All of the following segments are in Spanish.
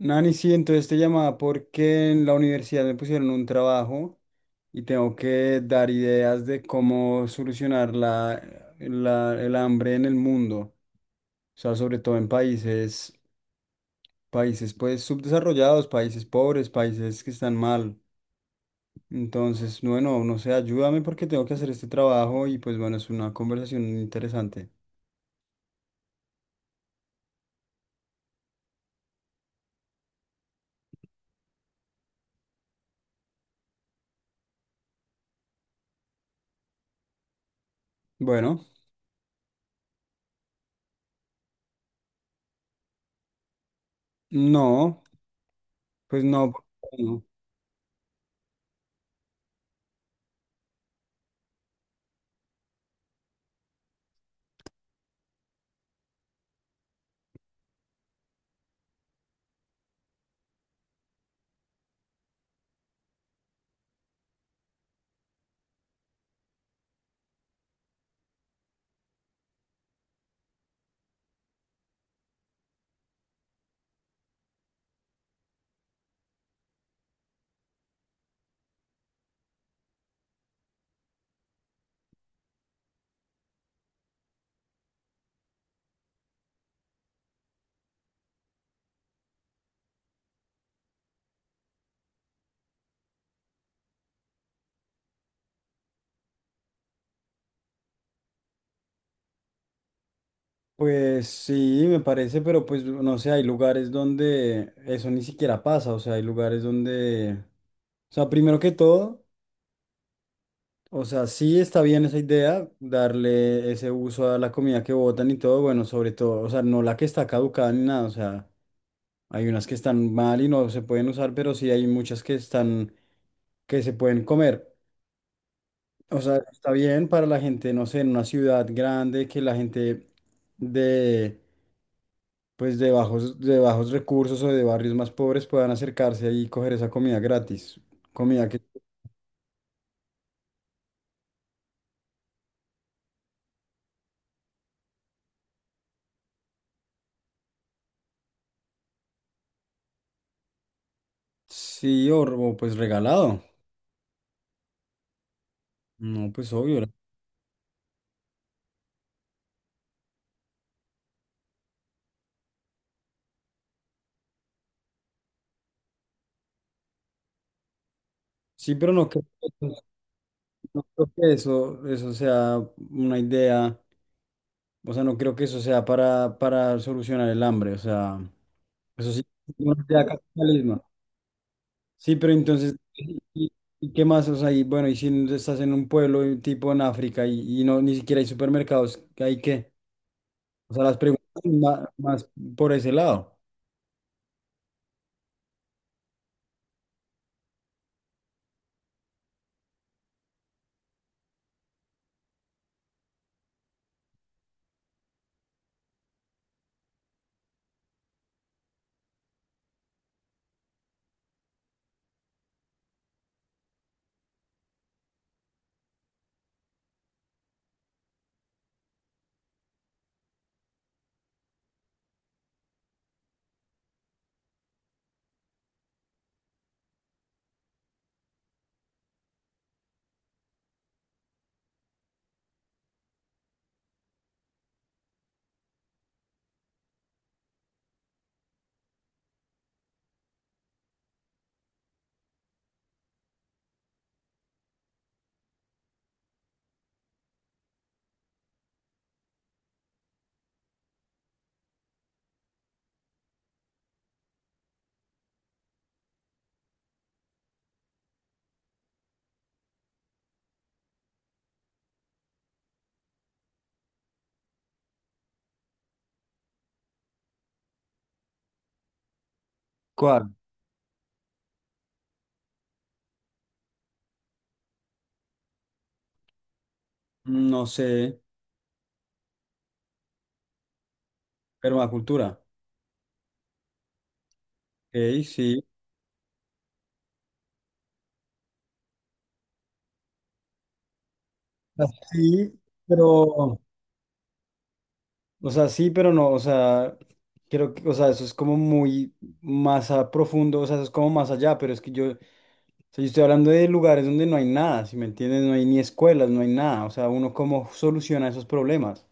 Nani, sí, entonces te llamaba porque en la universidad me pusieron un trabajo y tengo que dar ideas de cómo solucionar el hambre en el mundo, o sea, sobre todo en países, países pues subdesarrollados, países pobres, países que están mal. Entonces, bueno, no sé, ayúdame porque tengo que hacer este trabajo y pues bueno, es una conversación interesante. Bueno, no, pues no. No. Pues sí, me parece, pero pues no sé, hay lugares donde eso ni siquiera pasa, o sea, hay lugares donde, o sea, primero que todo, o sea, sí está bien esa idea, darle ese uso a la comida que botan y todo, bueno, sobre todo, o sea, no la que está caducada ni nada, o sea, hay unas que están mal y no se pueden usar, pero sí hay muchas que están, que se pueden comer, o sea, está bien para la gente, no sé, en una ciudad grande, que la gente de pues de bajos recursos o de barrios más pobres puedan acercarse ahí y coger esa comida gratis. Comida que sí, o pues regalado. No, pues obvio. ¿No? Sí, pero no creo, no creo que eso sea una idea. O sea, no creo que eso sea para solucionar el hambre. O sea, eso sí, es una idea capitalismo. Sí, pero entonces, ¿ y qué más? O sea, y bueno, y si estás en un pueblo tipo en África y no ni siquiera hay supermercados, ¿hay qué? O sea, las preguntas ma- más, por ese lado. ¿Cuál? No sé, permacultura. Ok, sí. O sea, Sí, pero, o sea, sí, pero no, o sea, creo que, o sea, eso es como muy más a profundo, o sea, eso es como más allá, pero es que yo, o sea, yo estoy hablando de lugares donde no hay nada, ¿si me entiendes? No hay ni escuelas, no hay nada, o sea, uno cómo soluciona esos problemas.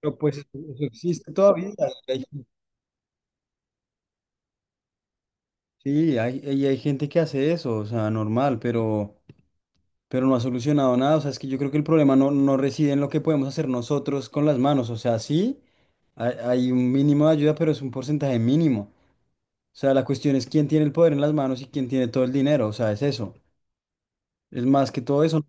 Pero pues eso existe todavía. hay- Sí, hay, y hay gente que hace eso, o sea, normal, pero no ha solucionado nada. O sea, es que yo creo que el problema no, no reside en lo que podemos hacer nosotros con las manos. O sea, sí, hay un mínimo de ayuda, pero es un porcentaje mínimo. O sea, la cuestión es quién tiene el poder en las manos y quién tiene todo el dinero. O sea, es eso. Es más que todo eso.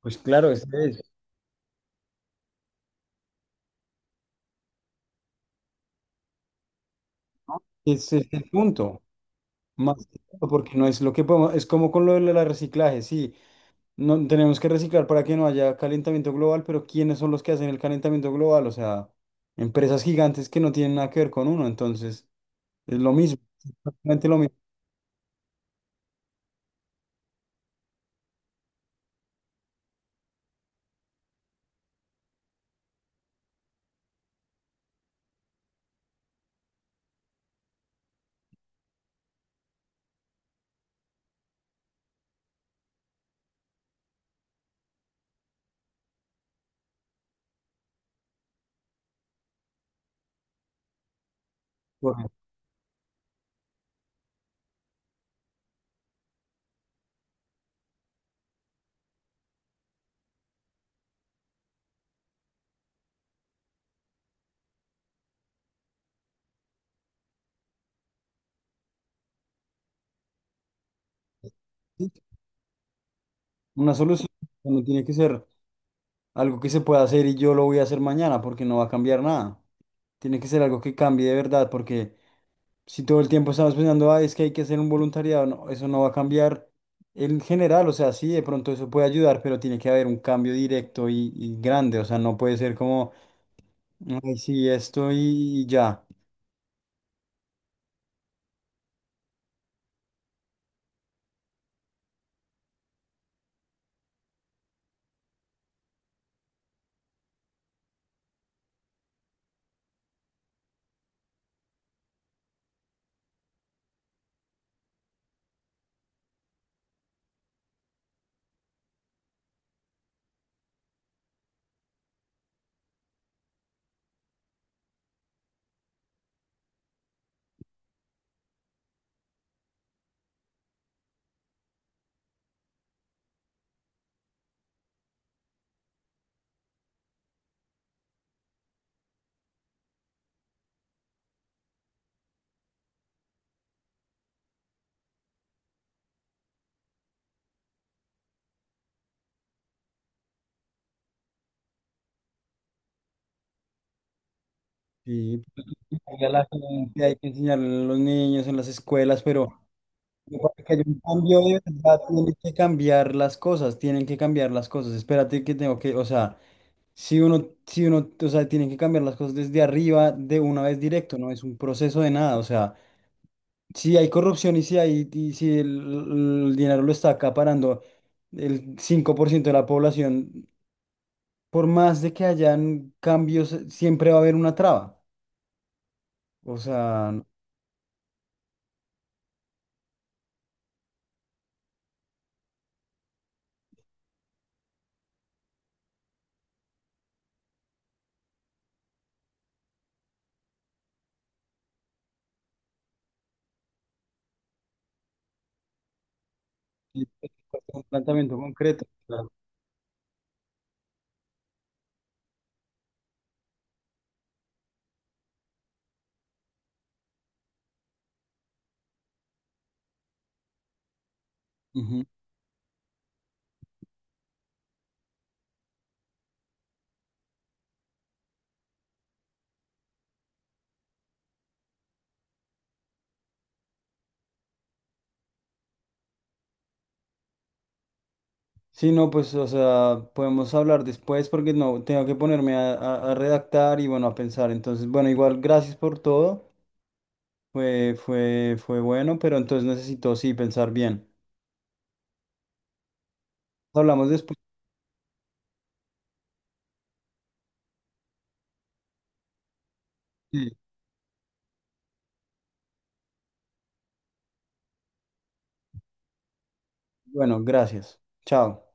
Pues claro, ese es el punto. Más que todo, porque no es lo que podemos, es como con lo del reciclaje, sí. No, tenemos que reciclar para que no haya calentamiento global, pero ¿quiénes son los que hacen el calentamiento global? O sea, empresas gigantes que no tienen nada que ver con uno. Entonces, es lo mismo, exactamente lo mismo. Correcto. Una solución no tiene que ser algo que se pueda hacer y yo lo voy a hacer mañana porque no va a cambiar nada. Tiene que ser algo que cambie de verdad porque si todo el tiempo estamos pensando, ah, es que hay que hacer un voluntariado, no, eso no va a cambiar en general. O sea, sí, de pronto eso puede ayudar, pero tiene que haber un cambio directo y grande. O sea, no puede ser como, ay, sí, esto y ya. Sí, pues, hay a la gente, hay que enseñarle a los niños en las escuelas, pero... Pero para que haya un cambio de verdad, tienen que cambiar las cosas, tienen que cambiar las cosas. Espérate que tengo que, o sea, si uno, o sea, tienen que cambiar las cosas desde arriba de una vez directo, no es un proceso de nada. O sea, si hay corrupción y si hay, y si el dinero lo está acaparando el 5% de la población, por más de que hayan cambios, siempre va a haber una traba. O sea, no- un planteamiento concreto. Claro. Sí, no, pues, o sea, podemos hablar después porque no, tengo que ponerme a, a redactar y bueno, a pensar. Entonces, bueno, igual, gracias por todo. Fue bueno, pero entonces necesito, sí, pensar bien. Hablamos después. Sí. Bueno, gracias. Chao.